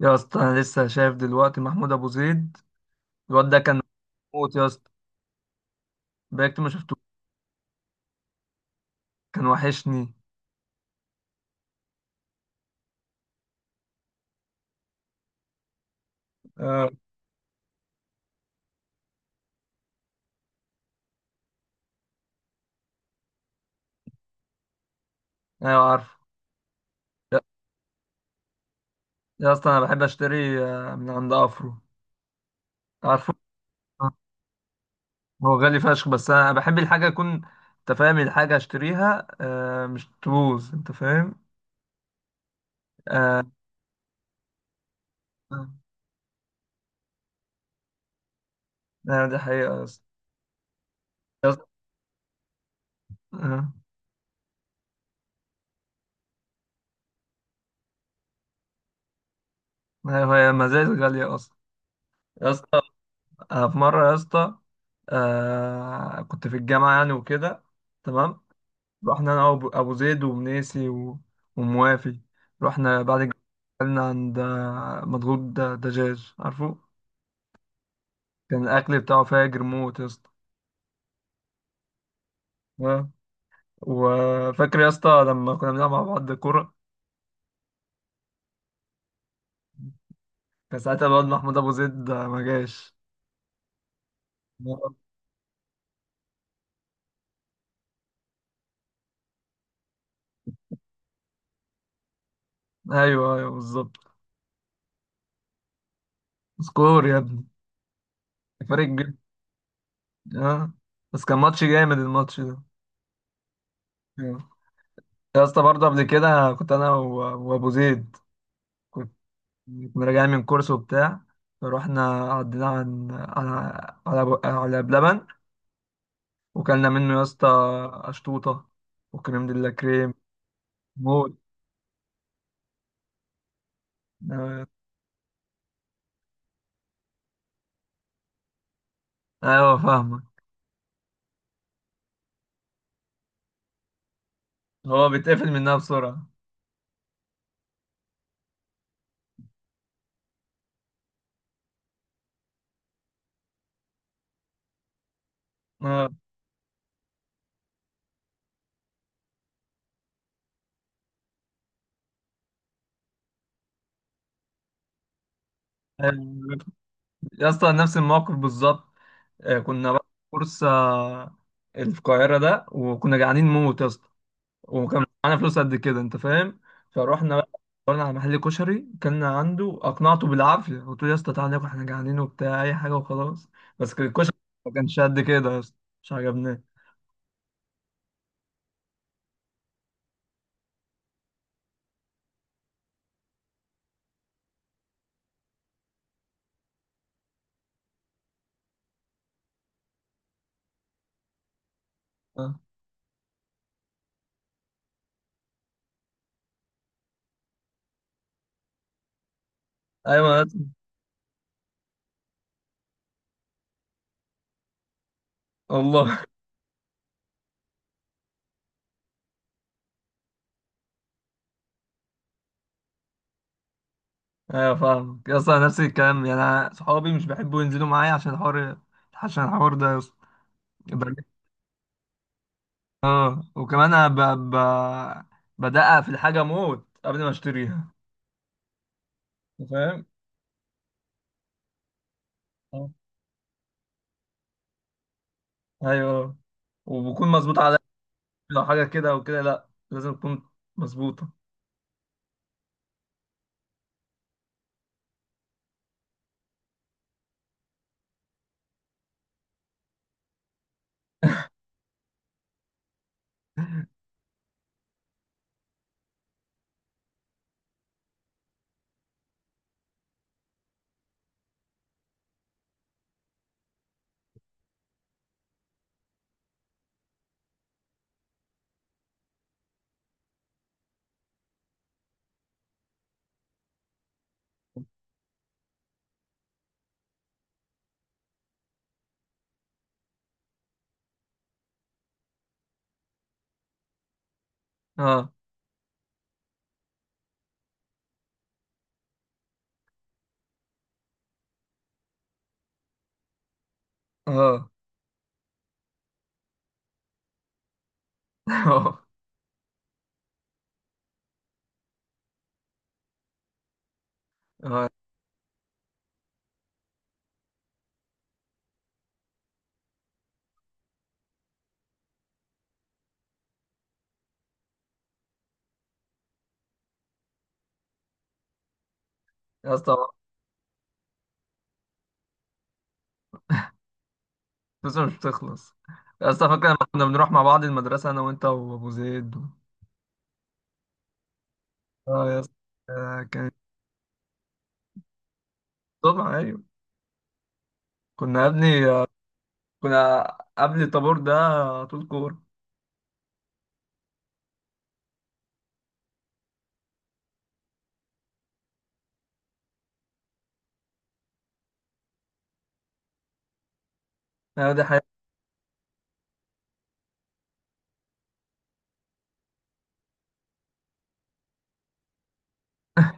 يا اسطى، انا لسه شايف دلوقتي محمود ابو زيد. الواد ده كان موت يا اسطى، بقيت ما شفته. كان وحشني. اه. ايوه عارف. يا يا اسطى، انا بحب اشتري من عند افرو. عارفه؟ هو غالي فشخ، بس انا بحب الحاجه يكون، انت فاهم، الحاجه اشتريها مش تبوظ، انت فاهم. آه، آه، دي حقيقه يا اسطى. يا اسطى. آه، أيوة، هي مزاج غاليه اصلا. يا اسطى، أنا في مره يا اسطى كنت في الجامعه يعني وكده، تمام. رحنا انا وابو أبو زيد ومنيسي و- وموافي. رحنا بعد الجامعة، اكلنا عند مضغوط، دجاج. عارفه؟ كان الاكل بتاعه فاجر موت يا اسطى. آه. وفاكر يا اسطى لما كنا بنلعب مع بعض كوره؟ كان ساعتها الواد محمود ابو زيد ما جاش. آه. ايوه، ايوه، بالظبط. سكور يا ابني، فرق كبير. اه، بس كان ماتش جامد الماتش ده. آه. يا اسطى برضه قبل كده كنت انا و- وابو زيد، كنا راجعين من كورس وبتاع. رحنا عدينا عن على على أبو- على بلبن، وكلنا منه يا اسطى أشطوطة وكريم ديلا كريم موت. آه، أيوه فاهمة. هو بيتقفل منها بسرعة. آه، أيوة. يا اسطى، نفس الموقف بالظبط. كنا بقى في كورس، القاهرة ده، وكنا جعانين موت يا اسطى. وكان معانا فلوس قد كده، انت فاهم. فروحنا بقى، دورنا على محل كشري كنا عنده، اقنعته بالعافيه. قلت له يا اسطى تعالى ناكل، احنا جعانين وبتاع، اي حاجه وخلاص. بس كان الكشري ما كانش قد كده يا اسطى، مش عجبناه. اه. ايوه يا اسطى. والله. ايوه فاهمك يا اسطى، نفس الكلام. يعني انا صحابي مش بيحبوا ينزلوا معايا عشان الحوار، عشان الحوار ده يا اسطى. ب- اه وكمان انا ب... بدقق في الحاجه موت قبل ما اشتريها، انت فاهم. اه. ايوه، وبكون مظبوط، على لو حاجة كده أو كده لأ، لازم تكون مظبوطة. اه. اه. اه. آه. يا اسطى الفلوس مش بتخلص. يا اسطى فاكر لما كنا بنروح مع بعض المدرسة أنا وأنت وأبو زيد؟ اه يا اسطى كانت. طبعا أيوة. كنا يا ابني كنا قبل الطابور ده على طول كورة. دي حياة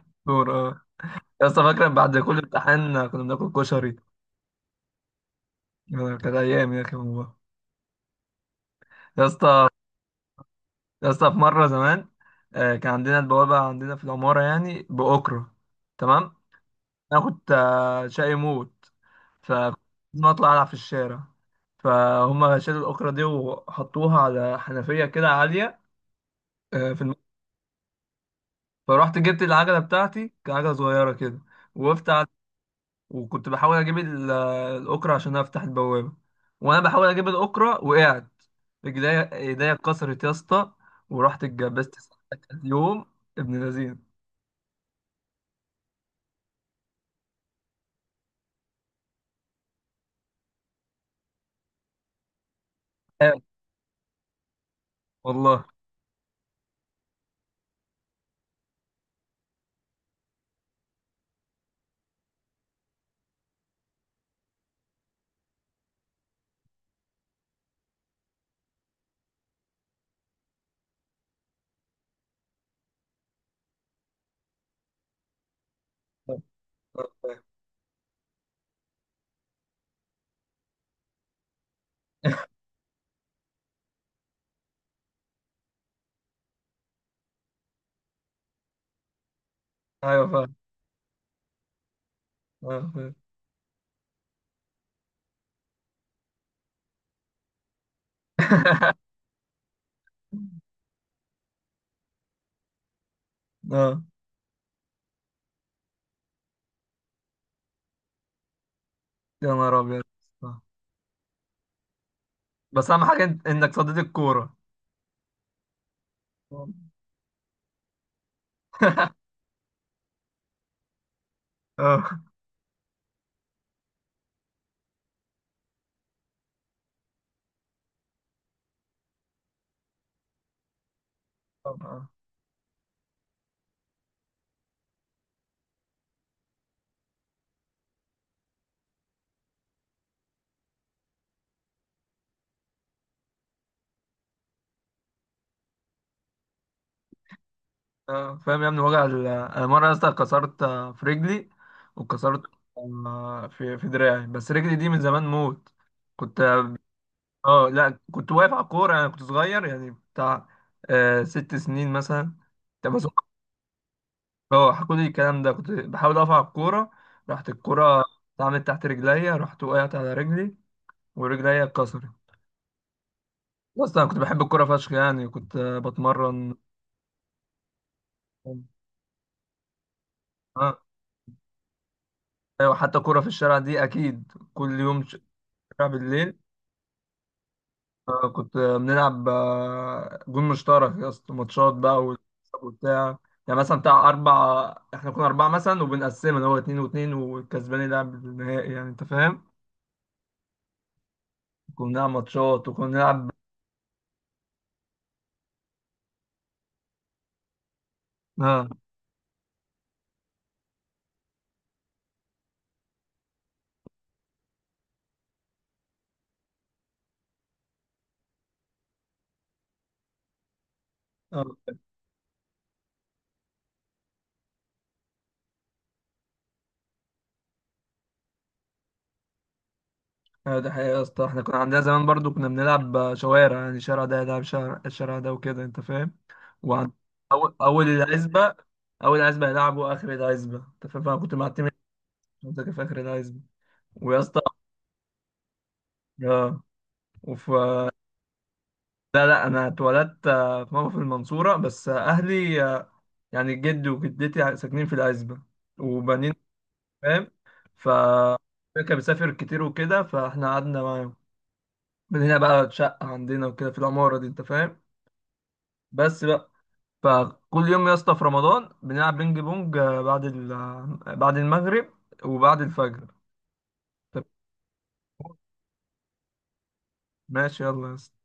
الكورة. اه. يا اسطى فاكر بعد كل امتحان كنا بناكل كشري؟ كانت أيام يا أخي والله. يا اسطى. يا اسطى في مرة زمان كان عندنا البوابة عندنا في العمارة يعني بأكرة، تمام. انا كنت شقي موت، فكنت ما اطلع العب في الشارع. فهم شالوا الاكره دي وحطوها على حنفيه كده عاليه. آه، في الم... فروحت جبت العجله بتاعتي، كانت عجله صغيره كده. وقفت على... وكنت بحاول اجيب الاكره عشان افتح البوابه. وانا بحاول اجيب الاكره وقعت، رجليا ايديا اتكسرت يا اسطى، ورحت اتجبست. يوم ابن لذين. آه، والله. آه، آه، آه. ايوه فاهم. فاهم. آه. يا نهار ابيض. بس اهم حاجه إن- انك صديت الكوره. اه طبعا. اه فاهم يا ابني، وجع انا مره يا اسطى كسرت في رجلي، وكسرت في دراعي، بس رجلي دي من زمان موت. كنت، اه لا، كنت واقف على الكوره. انا كنت صغير يعني بتاع 6 سنين مثلا. طب بس. اه حكوا لي الكلام ده، كنت بحاول اقف على الكوره، راحت الكوره اتعملت تحت رجليا، رحت وقعت على رجلي ورجليا اتكسرت. بص انا كنت بحب الكوره فشخ، يعني كنت بتمرن. اه. ايوه، حتى كوره في الشارع دي اكيد كل يوم، شارع بالليل. كنت بنلعب جون مشترك يا اسطى، ماتشات بقى والكسب وبتاع. يعني مثلا بتاع اربع، احنا كنا اربعه مثلا وبنقسمها اللي هو اتنين واتنين، والكسبان يلعب النهائي، يعني انت فاهم. كنا بنلعب ماتشات وكنا بنلعب. اه. آه. ايوه، ده حقيقة يا اسطى. احنا كنا عندنا زمان برضو كنا بنلعب شوارع، يعني شارع ده يلعب شارع، الشارع ده وكده انت فاهم. وعن اول اول العزبة، اول عزبة يلعبوا اخر العزبة، انت فاهم. فانا كنت مع التيم اللي في اخر العزبة. ويا اسطى. اه. وف لا لا، انا اتولدت في ماما في المنصورة، بس اهلي، يعني جدي وجدتي ساكنين في العزبة. وبنين، فاهم. ف كان بيسافر كتير وكده، فاحنا قعدنا معاهم. من هنا بقى شقة عندنا وكده في العمارة دي، انت فاهم. بس بقى. فكل يوم يا اسطى في رمضان بنلعب بينج بونج آه، بعد ال... آه، بعد المغرب وبعد الفجر. طب ماشي، يلا يا اسطى.